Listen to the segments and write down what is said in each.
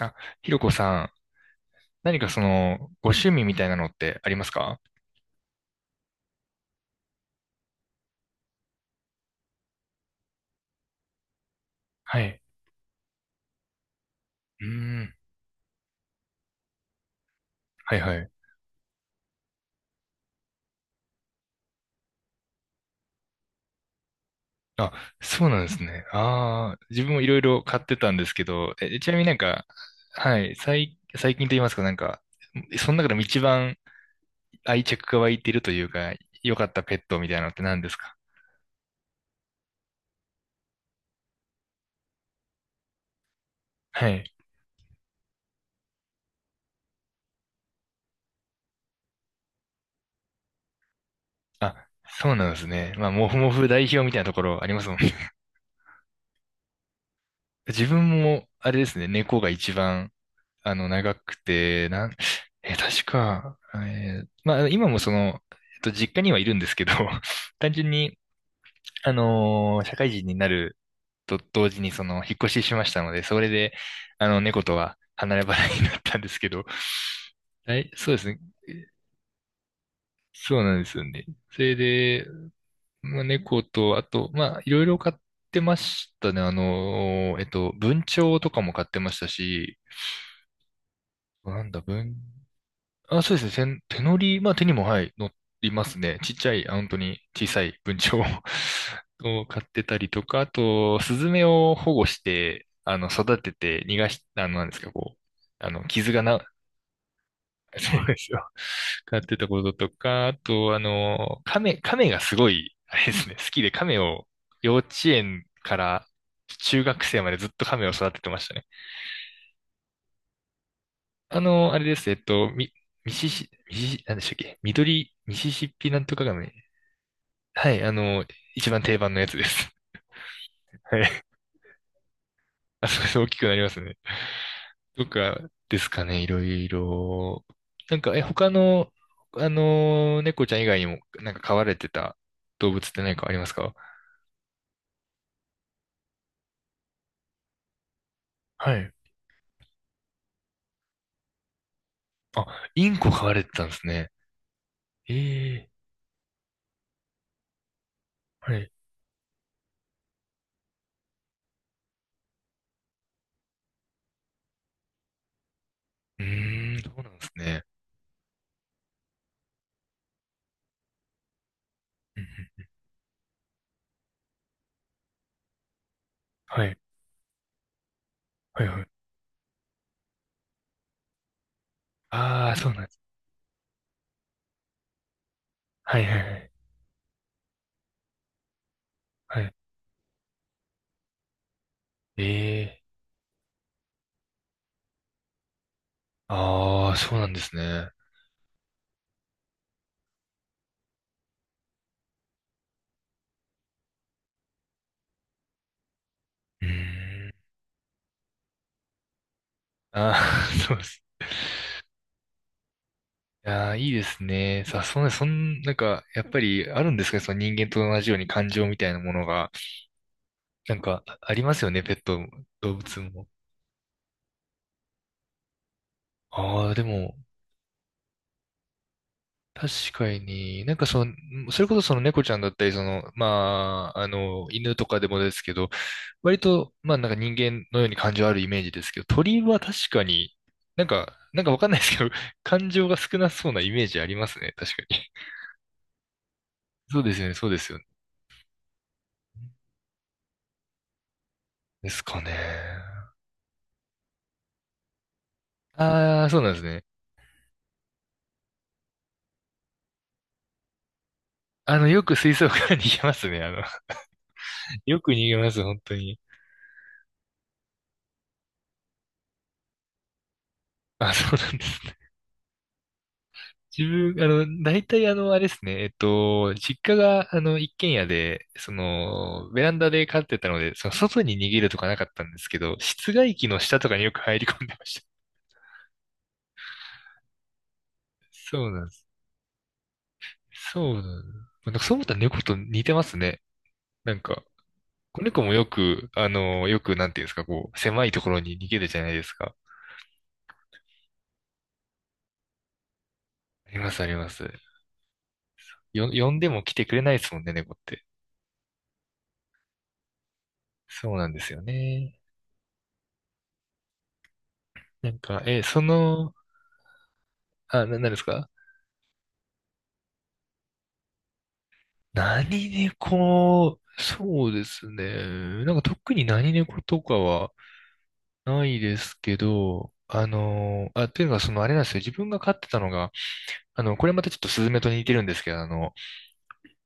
あ、ひろこさん、何かその、ご趣味みたいなのってありますか？はい。うーん。はいはい。あ、そうなんですね。ああ、自分もいろいろ買ってたんですけど、ちなみになんか、はい、最近と言いますか、なんか、その中でも一番愛着が湧いてるというか、良かったペットみたいなのって何ですか？はい。あ、そうなんですね。まあ、もふもふ代表みたいなところありますもんね。自分も、あれですね、猫が一番長くて、なん、え、確か、まあ、今もその、実家にはいるんですけど、単純に、社会人になると同時に、その、引っ越ししましたので、それで、猫とは離れ離れになったんですけど、はい、そうですね。そうなんですよね。それで、まあ、猫と、あと、まあ、いろいろ買ってましたね。文鳥とかも買ってましたし、なんだ、文あ、そうですね。手乗り、まあ手にも、はい、乗りますね。ちっちゃい、あ、本当に小さい文鳥を を飼ってたりとか、あと、スズメを保護して、育てて逃がし、なんですか、こう、あの、傷がな、そうですよ。飼ってたこととか、あと、亀がすごい、あれですね、好きで亀を幼稚園から中学生までずっと亀を育ててましたね。あれです。えっと、ミ、ミシシ、ミシシ、なんでしたっけ、緑、ミシシッピなんとかがね。はい、一番定番のやつです。はい。あ、そうです。大きくなりますね。とかですかね、いろいろ。なんか、他の、猫ちゃん以外にも、なんか飼われてた動物って何かありますか？はい。あ、インコ飼われてたんですね。ええ。はい。うーん、そうなんですね。うんうん。はい、はい、はい。ああ、そうなんです。はい、はい、はい。はい。ええ。ああ、そうなんですね。うーん。ああ、そうです。いやー、いいですね。さそんな、そん、なんか、やっぱりあるんですかね、その人間と同じように感情みたいなものが。なんか、ありますよね、ペット、動物も。ああ、でも、確かに、なんかその、それこそその猫ちゃんだったり、その、まあ、犬とかでもですけど、割と、まあ、なんか人間のように感情あるイメージですけど、鳥は確かに、なんか、なんかわかんないですけど、感情が少なそうなイメージありますね、確かに。そうですよね、そうですよね。ですかね。ああ、そうなんですね。よく水槽から逃げますね。よく逃げます、本当に。あ、そうなんですね。自分、大体あれですね。実家が、一軒家で、その、ベランダで飼ってたので、その、外に逃げるとかなかったんですけど、室外機の下とかによく入り込んでました。そうなんです。そうなんです。なんかそう思ったら猫と似てますね。なんか、子猫もよく、なんていうんですか、こう、狭いところに逃げるじゃないですか。あります、あります。呼んでも来てくれないですもんね、猫って。そうなんですよね。なんか、え、その、あ、な、なんですか？何猫、そうですね。なんか特に何猫とかはないですけど、というのがそのあれなんですよ。自分が飼ってたのが、これまたちょっとスズメと似てるんですけど、あの、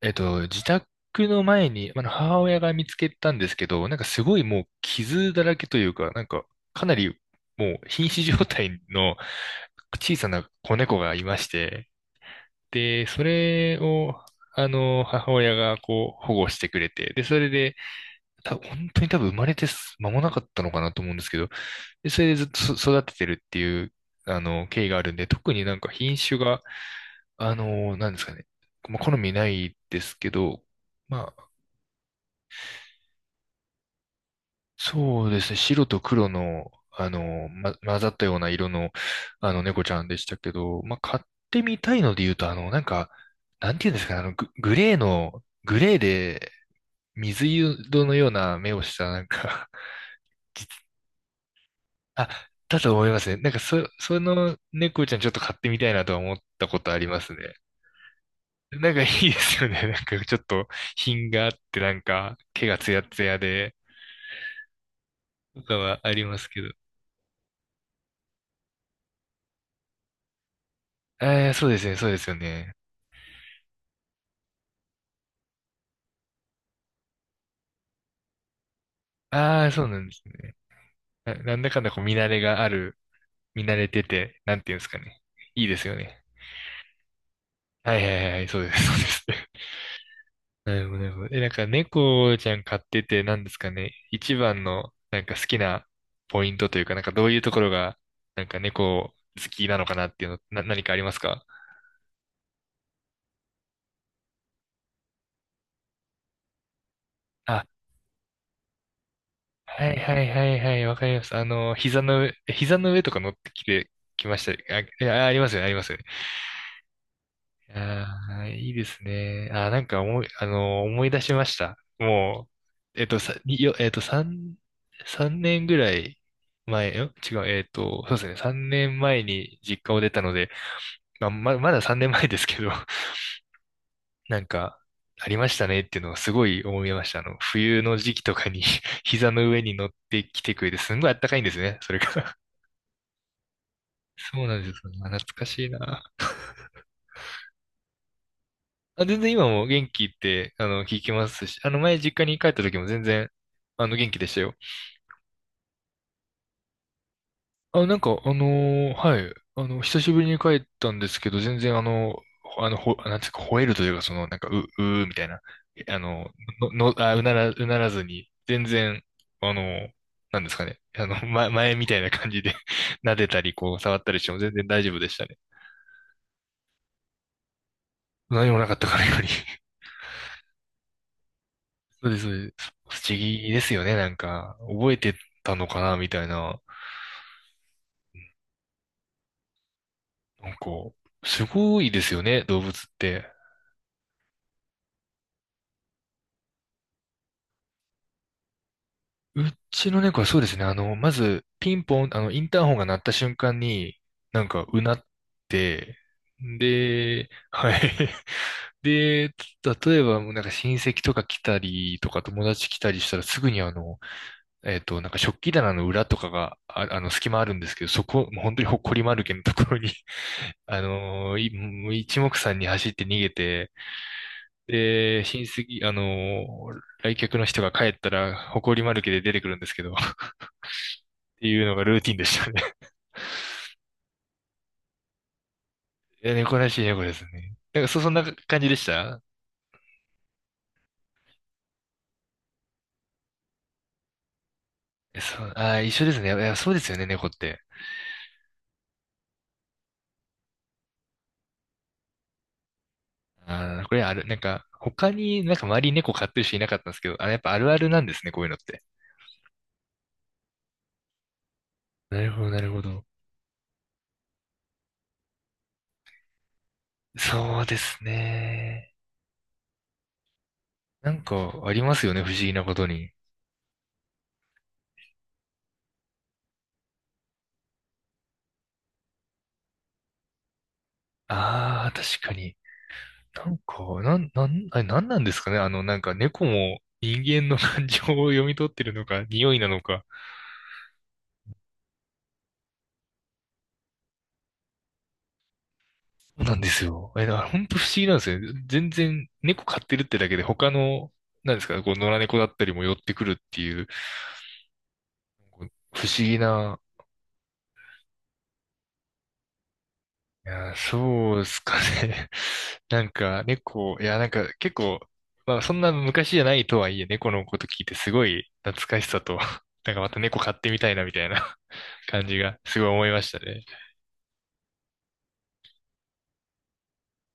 えっと、自宅の前に、母親が見つけたんですけど、なんかすごいもう傷だらけというか、なんかかなりもう瀕死状態の小さな子猫がいまして、で、それを、母親がこう保護してくれて、で、それで、本当に多分生まれて間もなかったのかなと思うんですけど、で、それでずっと育ててるっていう、経緯があるんで、特になんか品種が、なんですかね、まあ好みないですけど、まそうですね。白と黒の、混ざったような色の、猫ちゃんでしたけど、まあ、買ってみたいので言うと、なんか、なんていうんですかね、グレーで、水色のような目をした、なんか 実あ、だと思いますね。なんか、その猫ちゃんちょっと買ってみたいなとは思ったことありますね。なんかいいですよね。なんか、ちょっと、品があって、なんか、毛がツヤツヤで、とかはありますけど。えー、そうですね、そうですよね。ああ、そうなんですね。なんだかんだこう見慣れがある、見慣れてて、なんていうんですかね。いいですよね。はいはいはい、そうです、そうです。なるほど、なるほど。なんか猫ちゃん飼ってて、なんですかね。一番の、なんか好きなポイントというか、なんかどういうところが、なんか猫好きなのかなっていうの、何かありますか？あ、はいはいはいはい、わかります。膝の上とか乗ってきて、きました。あ、ありますよね、あります。ああ、いいですね。なんか思い、あのー、思い出しました。もう、えっと、さ、によ、えっと、三、三年ぐらい前、違う、そうですね、三年前に実家を出たので、まあ、まだ三年前ですけど、なんか、ありましたねっていうのをすごい思いました。冬の時期とかに 膝の上に乗ってきてくれて、すんごいあったかいんですね、それが。そうなんですよ。あ、懐かしいな。あ、全然今も元気って、聞きますし、前実家に帰った時も全然、元気でしたよ。あ、なんか、はい、久しぶりに帰ったんですけど、全然あの、ほあの、ほ、なんていうか、吠えるというか、その、なんか、う、うーみたいな、えあの、の、の、あ、うなら、うならずに、全然、あの、なんですかね、前みたいな感じで 撫でたり、こう、触ったりしても全然大丈夫でしたね。何もなかったからより。そうです、そうです。不思議ですよね、なんか、覚えてたのかな、みたいな。なんか、すごいですよね、動物って。うちの猫はそうですね、まず、ピンポン、インターホンが鳴った瞬間に、なんか、うなって、で、はい。で、例えば、もうなんか親戚とか来たりとか友達来たりしたらすぐになんか食器棚の裏とかが、あ、隙間あるんですけど、そこ、もう本当にほっこり丸けのところに、もう一目散に走って逃げて、で、親戚、来客の人が帰ったら、埃まるけで出てくるんですけど、っていうのがルーティンでしたね。いや、猫らしい猫ですね。なんか、そんな感じでした。そう、あー、一緒ですね。いや、そうですよね、猫って。これある、なんか、他になんか周りに猫飼ってる人いなかったんですけど、あ、やっぱあるあるなんですね、こういうのって。なるほど、なるほど。そうですね。なんか、ありますよね、不思議なことに。ああ、確かに。なんか、なん、なん、あれ、なんなんですかね。なんか猫も人間の感情を読み取ってるのか、匂いなのか。そうなんですよ。だから本当不思議なんですよね。全然猫飼ってるってだけで他の、なんですか、こう野良猫だったりも寄ってくるっていう、こう不思議な、いや、そうですかね。なんか猫、いや、なんか結構、まあそんな昔じゃないとはいえ、猫のこと聞いてすごい懐かしさと、なんかまた猫飼ってみたいなみたいな感じがすごい思いましたね。